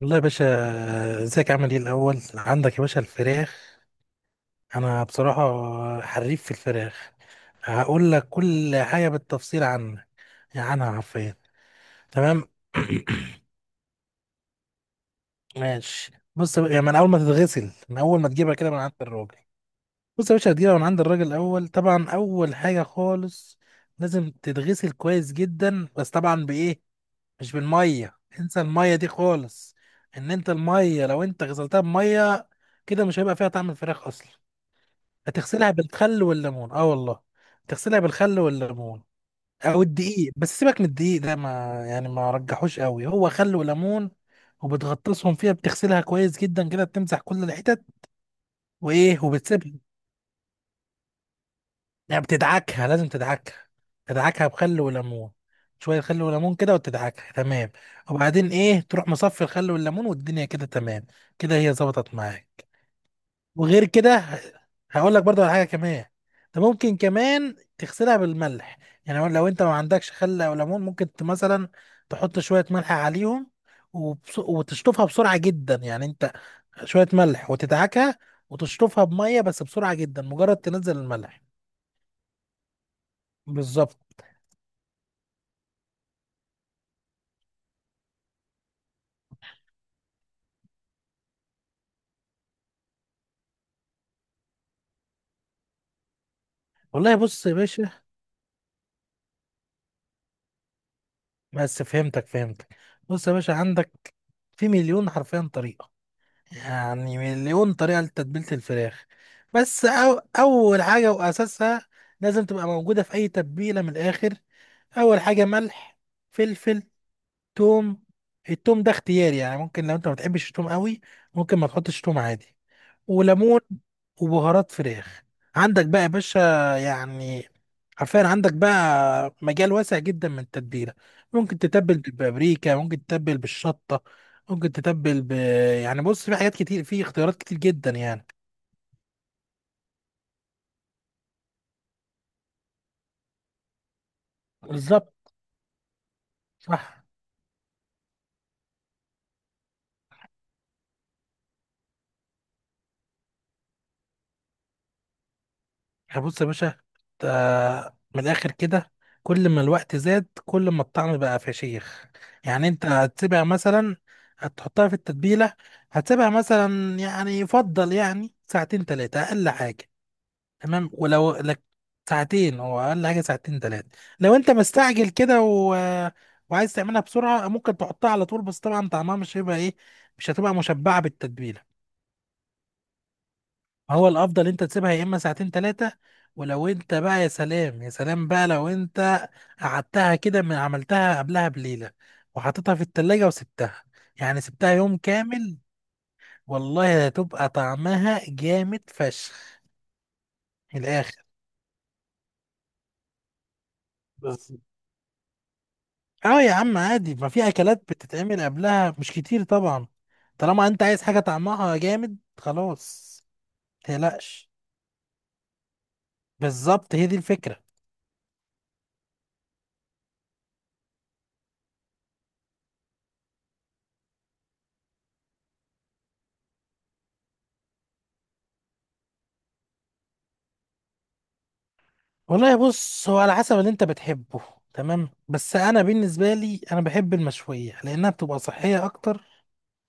والله يا باشا، ازيك؟ عامل ايه الاول؟ عندك يا باشا الفراخ، انا بصراحه حريف في الفراخ. هقول لك كل حاجه بالتفصيل عنها. يعني انا عارفين. تمام. ماشي، يعني من اول ما تتغسل، من اول ما تجيبها كده من عند الراجل. بص يا باشا، هتجيبها من عند الراجل الاول. طبعا اول حاجه خالص لازم تتغسل كويس جدا، بس طبعا بايه؟ مش بالميه، انسى الميه دي خالص. ان انت الميه لو انت غسلتها بميه كده، مش هيبقى فيها طعم الفراخ اصلا. هتغسلها بالخل والليمون، اه والله، تغسلها بالخل والليمون. او الدقيق، بس سيبك من الدقيق ده، ما يعني ما رجحوش قوي، هو خل وليمون. وبتغطسهم فيها، بتغسلها كويس جدا كده، بتمسح كل الحتت وايه، وبتسيبها. يعني بتدعكها، لازم تدعكها، تدعكها بخل وليمون. شوية خل وليمون كده وتدعكها، تمام. وبعدين ايه، تروح مصفي الخل والليمون والدنيا كده، تمام. كده هي ظبطت معاك. وغير كده هقول لك برضه على حاجة كمان. انت ممكن كمان تغسلها بالملح. يعني لو انت ما عندكش خل او ليمون، ممكن مثلا تحط شوية ملح عليهم، وتشطفها بسرعة جدا. يعني انت شوية ملح وتدعكها، وتشطفها بمية بس بسرعة جدا، مجرد تنزل الملح. بالظبط. والله بص يا باشا، بس فهمتك. بص يا باشا، عندك في مليون حرفيا طريقة، يعني مليون طريقة لتتبيلة الفراخ. بس أو أول حاجة وأساسها، لازم تبقى موجودة في أي تتبيلة من الآخر. أول حاجة ملح، فلفل، توم. التوم ده اختياري، يعني ممكن لو انت ما بتحبش التوم قوي، ممكن ما تحطش توم عادي. وليمون، وبهارات فراخ. عندك بقى يا باشا، يعني حرفيا عندك بقى مجال واسع جدا من التتبيله. ممكن تتبل بالبابريكا، ممكن تتبل بالشطه، ممكن تتبل ب يعني بص، في حاجات كتير، في اختيارات كتير جدا يعني. بالظبط. صح. احنا بص يا باشا، من الاخر كده، كل ما الوقت زاد، كل ما الطعم بقى فشيخ. يعني انت هتسيبها مثلا، هتحطها في التتبيله، هتسيبها مثلا، يعني يفضل يعني ساعتين ثلاثه اقل حاجه. تمام. ولو لك ساعتين، هو اقل حاجه ساعتين ثلاثه. لو انت مستعجل كده وعايز تعملها بسرعه، ممكن تحطها على طول. بس طبعا طعمها مش هيبقى ايه، مش هتبقى مشبعه بالتتبيله. هو الافضل انت تسيبها يا اما ساعتين ثلاثه، ولو انت بقى يا سلام يا سلام بقى، لو انت قعدتها كده، من عملتها قبلها بليله وحطيتها في التلاجة وسبتها، يعني سبتها يوم كامل، والله هتبقى طعمها جامد فشخ. من الاخر بس. اه يا عم عادي، ما في اكلات بتتعمل قبلها، مش كتير طبعا. طالما انت عايز حاجه طعمها جامد، خلاص متقلقش. بالظبط، هي دي الفكره. والله بص، هو على حسب اللي انت بتحبه، تمام. بس انا بالنسبه لي، انا بحب المشويه لانها بتبقى صحيه اكتر،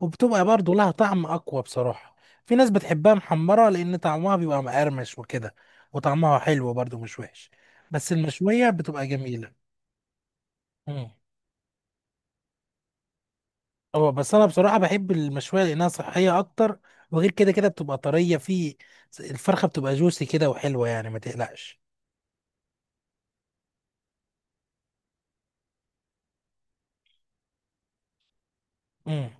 وبتبقى برضه لها طعم اقوى بصراحه. في ناس بتحبها محمره، لان طعمها بيبقى مقرمش وكده، وطعمها حلو برضه مش وحش. بس المشويه بتبقى جميله. امم. هو بس انا بصراحه بحب المشويه لانها صحيه اكتر، وغير كده بتبقى طريه في، الفرخه بتبقى جوسي كده وحلوه، يعني ما تقلقش. امم.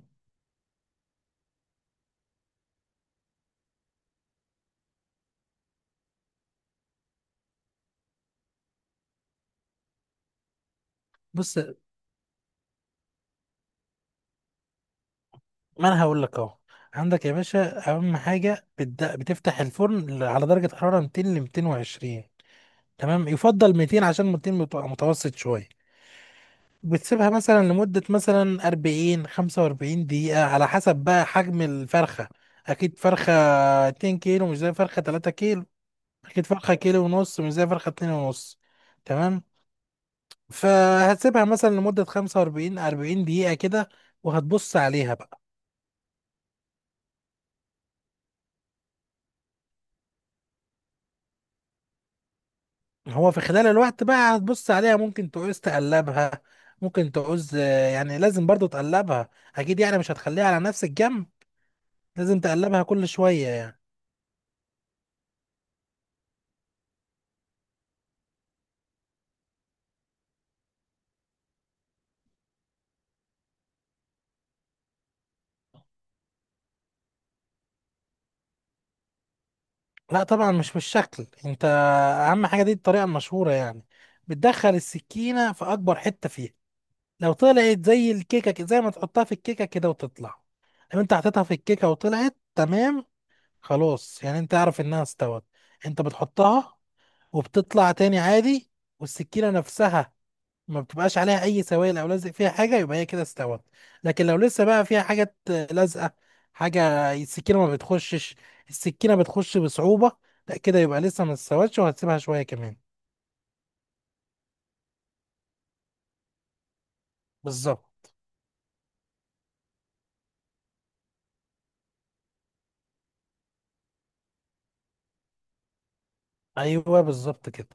بص، ما انا هقول لك اهو. عندك يا باشا اهم حاجه، بتفتح الفرن على درجه حراره 200 ل 220. تمام، يفضل 200، عشان 200 بتبقى متوسط شويه. بتسيبها مثلا لمده مثلا 40 45 دقيقه، على حسب بقى حجم الفرخه. اكيد فرخه 2 كيلو مش زي فرخه 3 كيلو. اكيد فرخه كيلو ونص مش زي فرخه 2 ونص. تمام. فهتسيبها مثلا لمده 45 40 دقيقه كده، وهتبص عليها بقى. هو في خلال الوقت بقى هتبص عليها، ممكن تعوز تقلبها، ممكن تعوز يعني لازم برضو تقلبها. اكيد يعني مش هتخليها على نفس الجنب، لازم تقلبها كل شوية يعني. لا طبعا مش بالشكل انت. اهم حاجة، دي الطريقة المشهورة يعني، بتدخل السكينة في اكبر حتة فيها. لو طلعت زي ما تحطها في الكيكة كده وتطلع، لو انت حطيتها في الكيكة وطلعت تمام، خلاص يعني انت عارف انها استوت. انت بتحطها وبتطلع تاني عادي، والسكينة نفسها ما بتبقاش عليها اي سوائل او لازق فيها حاجه، يبقى هي كده استوت. لكن لو لسه بقى فيها حاجات لازقه، حاجه السكينه ما بتخشش، السكينه بتخش بصعوبه، لا كده يبقى لسه ما استوتش، وهتسيبها شويه كمان. بالظبط. ايوه، بالظبط كده.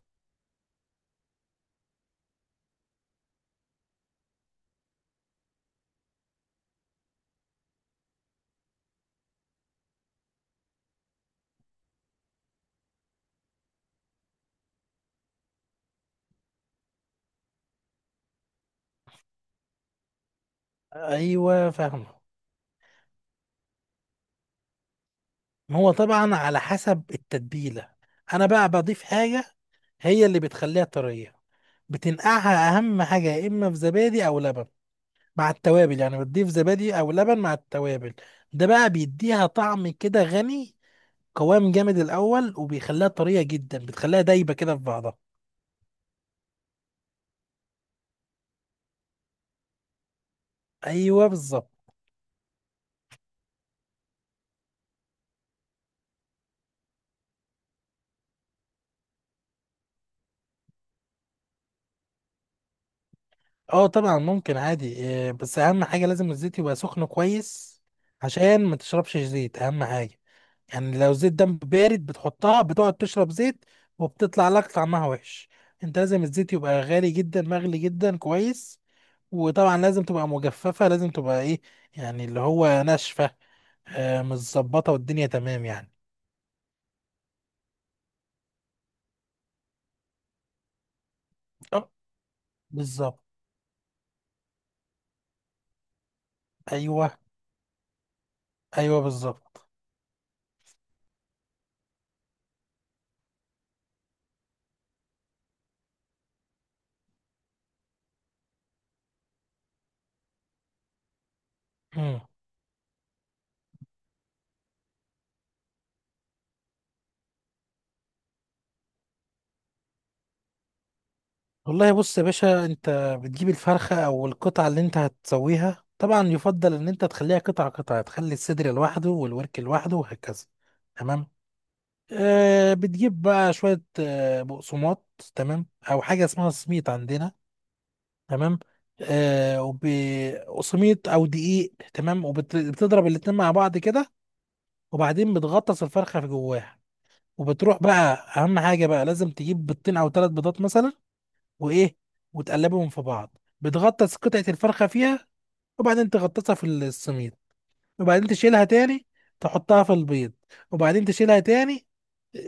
ايوه فاهمه. ما هو طبعا على حسب التتبيله. انا بقى بضيف حاجه هي اللي بتخليها طريه. بتنقعها، اهم حاجه، يا اما في زبادي او لبن مع التوابل. يعني بتضيف زبادي او لبن مع التوابل، ده بقى بيديها طعم كده غني، قوام جامد الاول، وبيخليها طريه جدا، بتخليها دايبه كده في بعضها. ايوه بالظبط. اه طبعا ممكن عادي، بس اهم حاجه لازم الزيت يبقى سخن كويس، عشان ما تشربش زيت، اهم حاجه. يعني لو الزيت ده بارد بتحطها، بتقعد تشرب زيت، وبتطلع لك طعمها وحش. انت لازم الزيت يبقى غالي جدا، مغلي جدا كويس. وطبعا لازم تبقى مجففة، لازم تبقى ايه، يعني اللي هو ناشفة، آه متظبطة والدنيا تمام يعني. اه بالظبط. ايوه ايوه, بالظبط. مم. والله بص يا باشا، انت بتجيب الفرخة او القطعة اللي انت هتسويها. طبعا يفضل ان انت تخليها قطعة قطعة، تخلي الصدر لوحده والورك لوحده وهكذا. تمام. آه، بتجيب بقى شوية آه بقسماط. تمام. او حاجة اسمها سميط عندنا. تمام. آه، وبقسميط او دقيق، تمام، وبتضرب الاتنين مع بعض كده، وبعدين بتغطس الفرخه في جواها. وبتروح بقى، اهم حاجه بقى لازم تجيب بيضتين او 3 بيضات مثلا. وايه، وتقلبهم في بعض، بتغطس قطعه الفرخه فيها، وبعدين تغطسها في السميد، وبعدين تشيلها تاني، تحطها في البيض، وبعدين تشيلها تاني.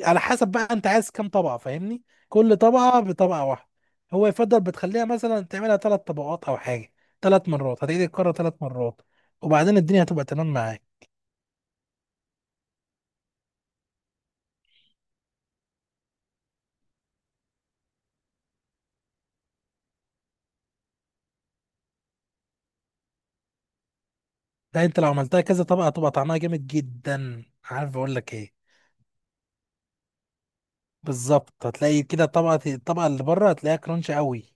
على حسب بقى انت عايز كام طبقة، فاهمني، كل طبقة بطبقة واحدة. هو يفضل بتخليها مثلا تعملها 3 طبقات او حاجة، 3 مرات، هتعيد الكرة 3 مرات، وبعدين الدنيا هتبقى تمام معاك. لا انت لو عملتها كذا طبقة، هتبقى طعمها جامد جدا. عارف اقول لك ايه؟ بالظبط، هتلاقي كده طبقة، الطبقة اللي بره هتلاقيها كرانش قوي.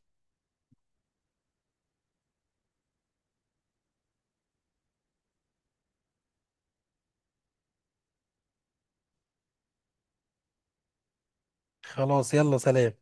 خلاص، يلا سلام.